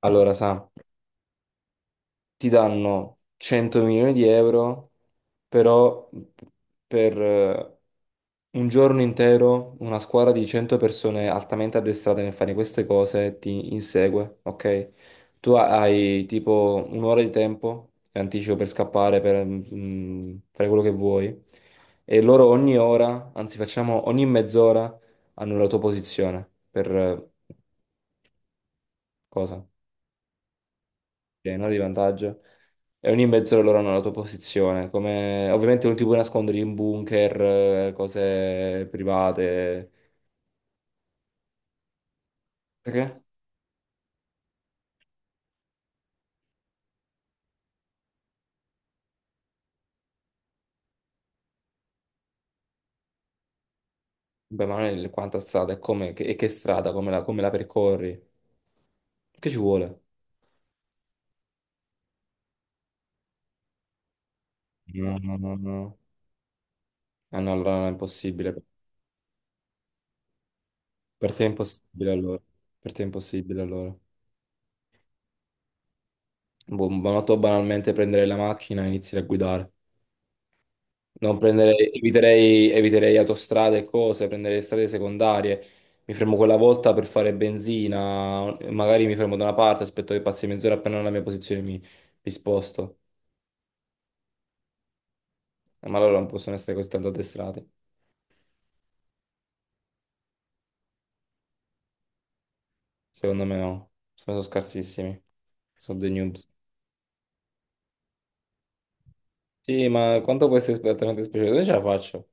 Allora, Sa, ti danno 100 milioni di euro, però per un giorno intero una squadra di 100 persone altamente addestrate nel fare queste cose ti insegue, ok? Tu hai tipo un'ora di tempo in anticipo per scappare, per fare quello che vuoi, e loro ogni ora, anzi facciamo ogni mezz'ora, hanno la tua posizione per cosa? Cioè, un'ora di vantaggio. E ogni mezz'ora loro hanno la tua posizione. Ovviamente non ti puoi nascondere in bunker, cose private. Perché? Beh, ma non è quanta strada, è come, che strada, come la percorri. Che ci vuole? No, no, no, no. Ah, no, allora è impossibile. Per te è impossibile allora. Per te è impossibile allora. Boh, ma tu banalmente prendere la macchina e iniziare a guidare. Non prenderei, eviterei autostrade e cose, prenderei strade secondarie. Mi fermo quella volta per fare benzina, magari mi fermo da una parte, aspetto che passi mezz'ora appena nella mia posizione mi sposto. Ma loro non possono essere così tanto addestrati. Secondo me no, sono scarsissimi. Sono dei noobs. Sì, ma quanto può essere esattamente speciale? Dove ce la faccio?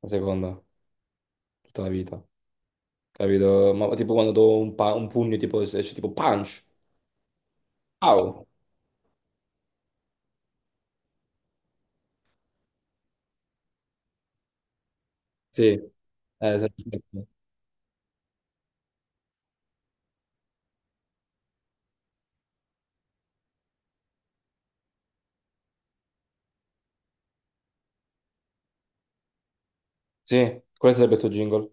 La seconda, tutta la vita, capito? Ma tipo quando do un pugno, tipo, esce tipo punch. Au! Sì. Esatto. Sì, quale sarebbe il tuo jingle?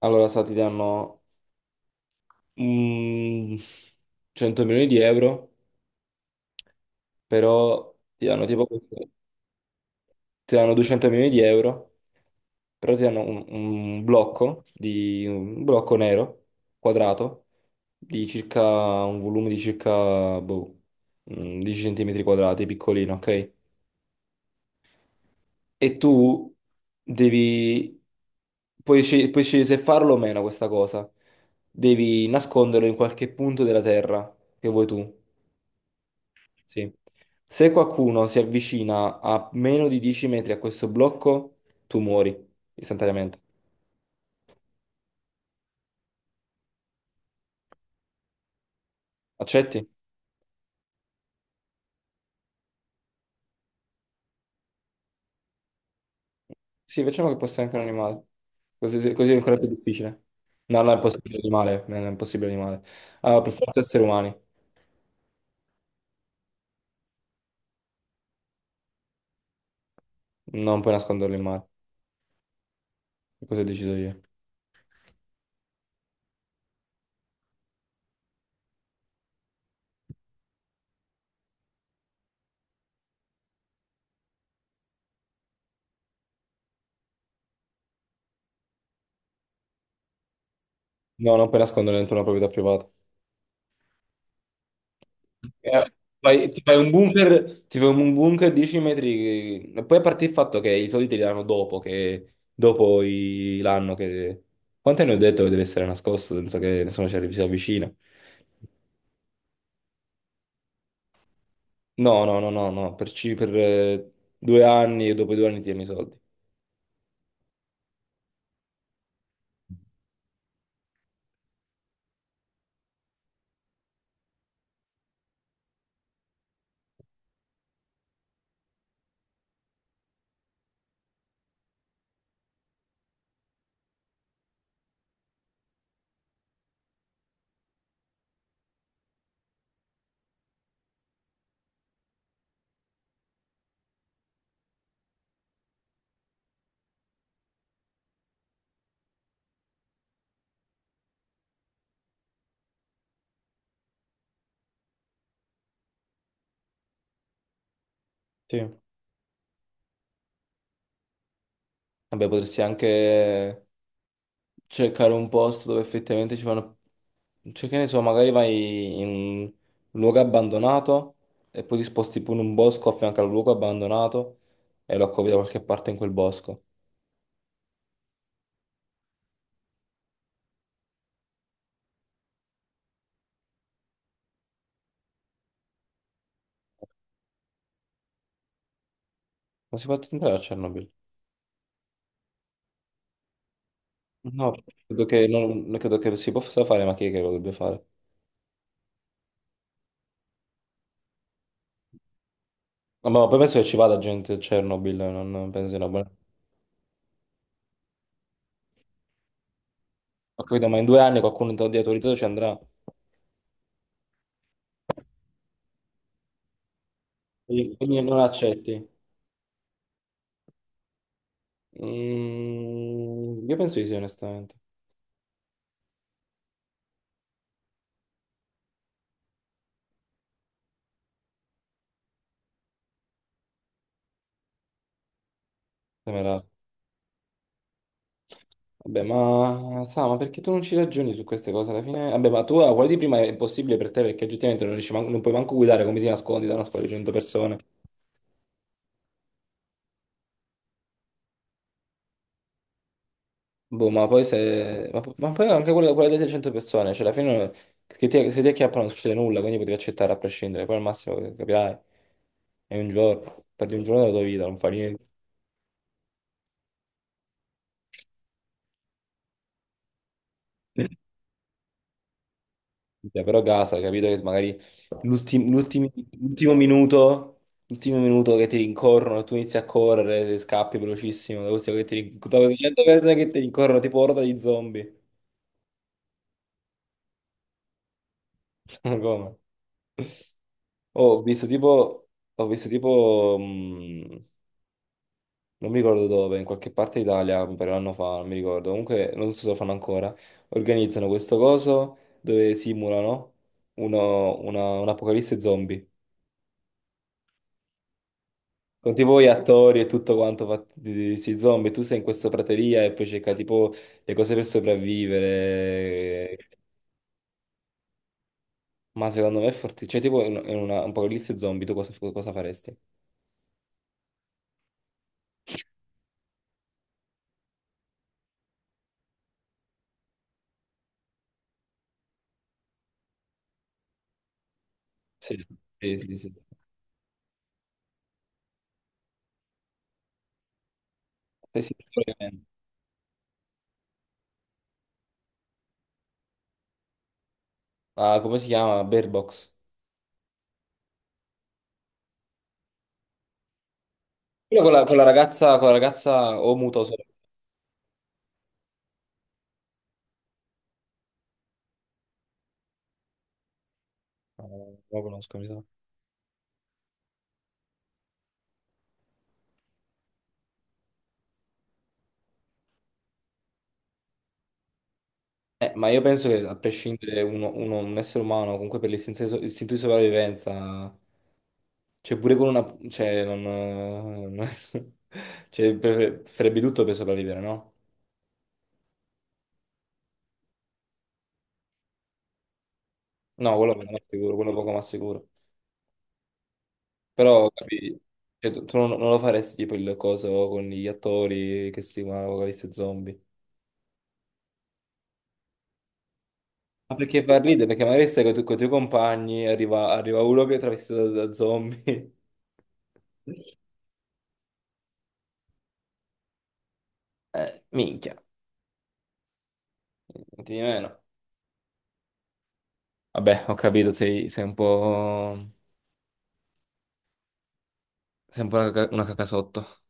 Allora, sa, ti danno mm, 100 milioni di euro, però ti danno 200 milioni di euro, però ti danno un blocco nero quadrato di circa un volume di circa 10 centimetri quadrati, piccolino, ok? E tu devi, puoi scegliere se farlo o meno questa cosa. Devi nasconderlo in qualche punto della terra che vuoi tu. Sì. Se qualcuno si avvicina a meno di 10 metri a questo blocco, tu muori istantaneamente. Accetti? Sì, facciamo che possa essere anche un animale. Così è ancora più difficile. No, no, è impossibile animale. No, no, è impossibile animale. Allora, per forza esseri umani. Non puoi nasconderlo in mare. Cosa ho deciso io? No, non puoi nasconderlo dentro una proprietà privata. Eh, ti fai un bunker 10 metri, e poi a parte il fatto che i soldi te li danno dopo, che dopo l'anno che. Quanto ne ho detto che deve essere nascosto senza che nessuno si avvicina? No, no, no, no, no, per 2 anni e dopo i 2 anni ti danno i soldi. Sì. Vabbè, potresti anche cercare un posto dove effettivamente ci fanno. Cioè, che ne so, magari vai in un luogo abbandonato e poi ti sposti pure in un bosco a fianco al luogo abbandonato e lo accovi da qualche parte in quel bosco. Non si può entrare a Chernobyl. No, credo che non, non credo che lo si possa fare, ma chi è che lo dovrebbe fare? No, ma poi penso che ci vada gente a Chernobyl, non penso sia una buona. Ho capito, ma in 2 anni qualcuno di autorizzato ci andrà. Quindi non accetti. Mm, io penso di sì, onestamente. Sembra- Vabbè, ma sa, ma perché tu non ci ragioni su queste cose alla fine? Vabbè, ma tu la quella di prima è impossibile per te perché oggettivamente non puoi manco guidare come ti nascondi da una scuola di 100 persone. Boh, ma poi se... ma poi anche quella, delle 600 persone, cioè alla fine se ti acchiappano non succede nulla, quindi potevi accettare a prescindere, poi al massimo capirai, è un giorno, perdi un giorno della tua vita, non fa niente. Cioè, però casa, capito che magari l'ultim- l'ultimi- l'ultimo minuto che ti rincorrono e tu inizi a correre, ti scappi velocissimo da queste 100 persone che ti rincorrono tipo orda di zombie. Ma come? Oh, ho visto tipo, ho visto tipo, mh, non mi ricordo dove, in qualche parte d'Italia, un paio d'anno fa, non mi ricordo, comunque non so se lo fanno ancora, organizzano questo coso dove simulano un'apocalisse zombie. Con tipo gli attori e tutto quanto fatti di questi zombie, tu sei in questa prateria e poi cerca tipo le cose per sopravvivere. Ma secondo me è fortissimo. Cioè, tipo in un apocalisse zombie, tu cosa faresti? Sì, sì, sì, sì. Eh sì, sicuramente. Ah, come si chiama? Bear Box. Quello con la ragazza o muto o solo. No, non lo conosco, mi sa. Ma io penso che a prescindere un essere umano, comunque per l'istinto di so- istinto di sopravvivenza. Cioè, pure con una. Non- farebbe tutto per sopravvivere, no? No, quello non è sicuro, quello poco ma sicuro. Però, capi, cioè, tu non lo faresti tipo il coso con gli attori che si chiamano Apocalisse Zombie. Ma perché fa ridere? Perché magari stai con i tuoi compagni, arriva uno che è travestito da zombie. Minchia, non ti di meno. Vabbè, ho capito, sei un po'. Sei un po' una cacasotto.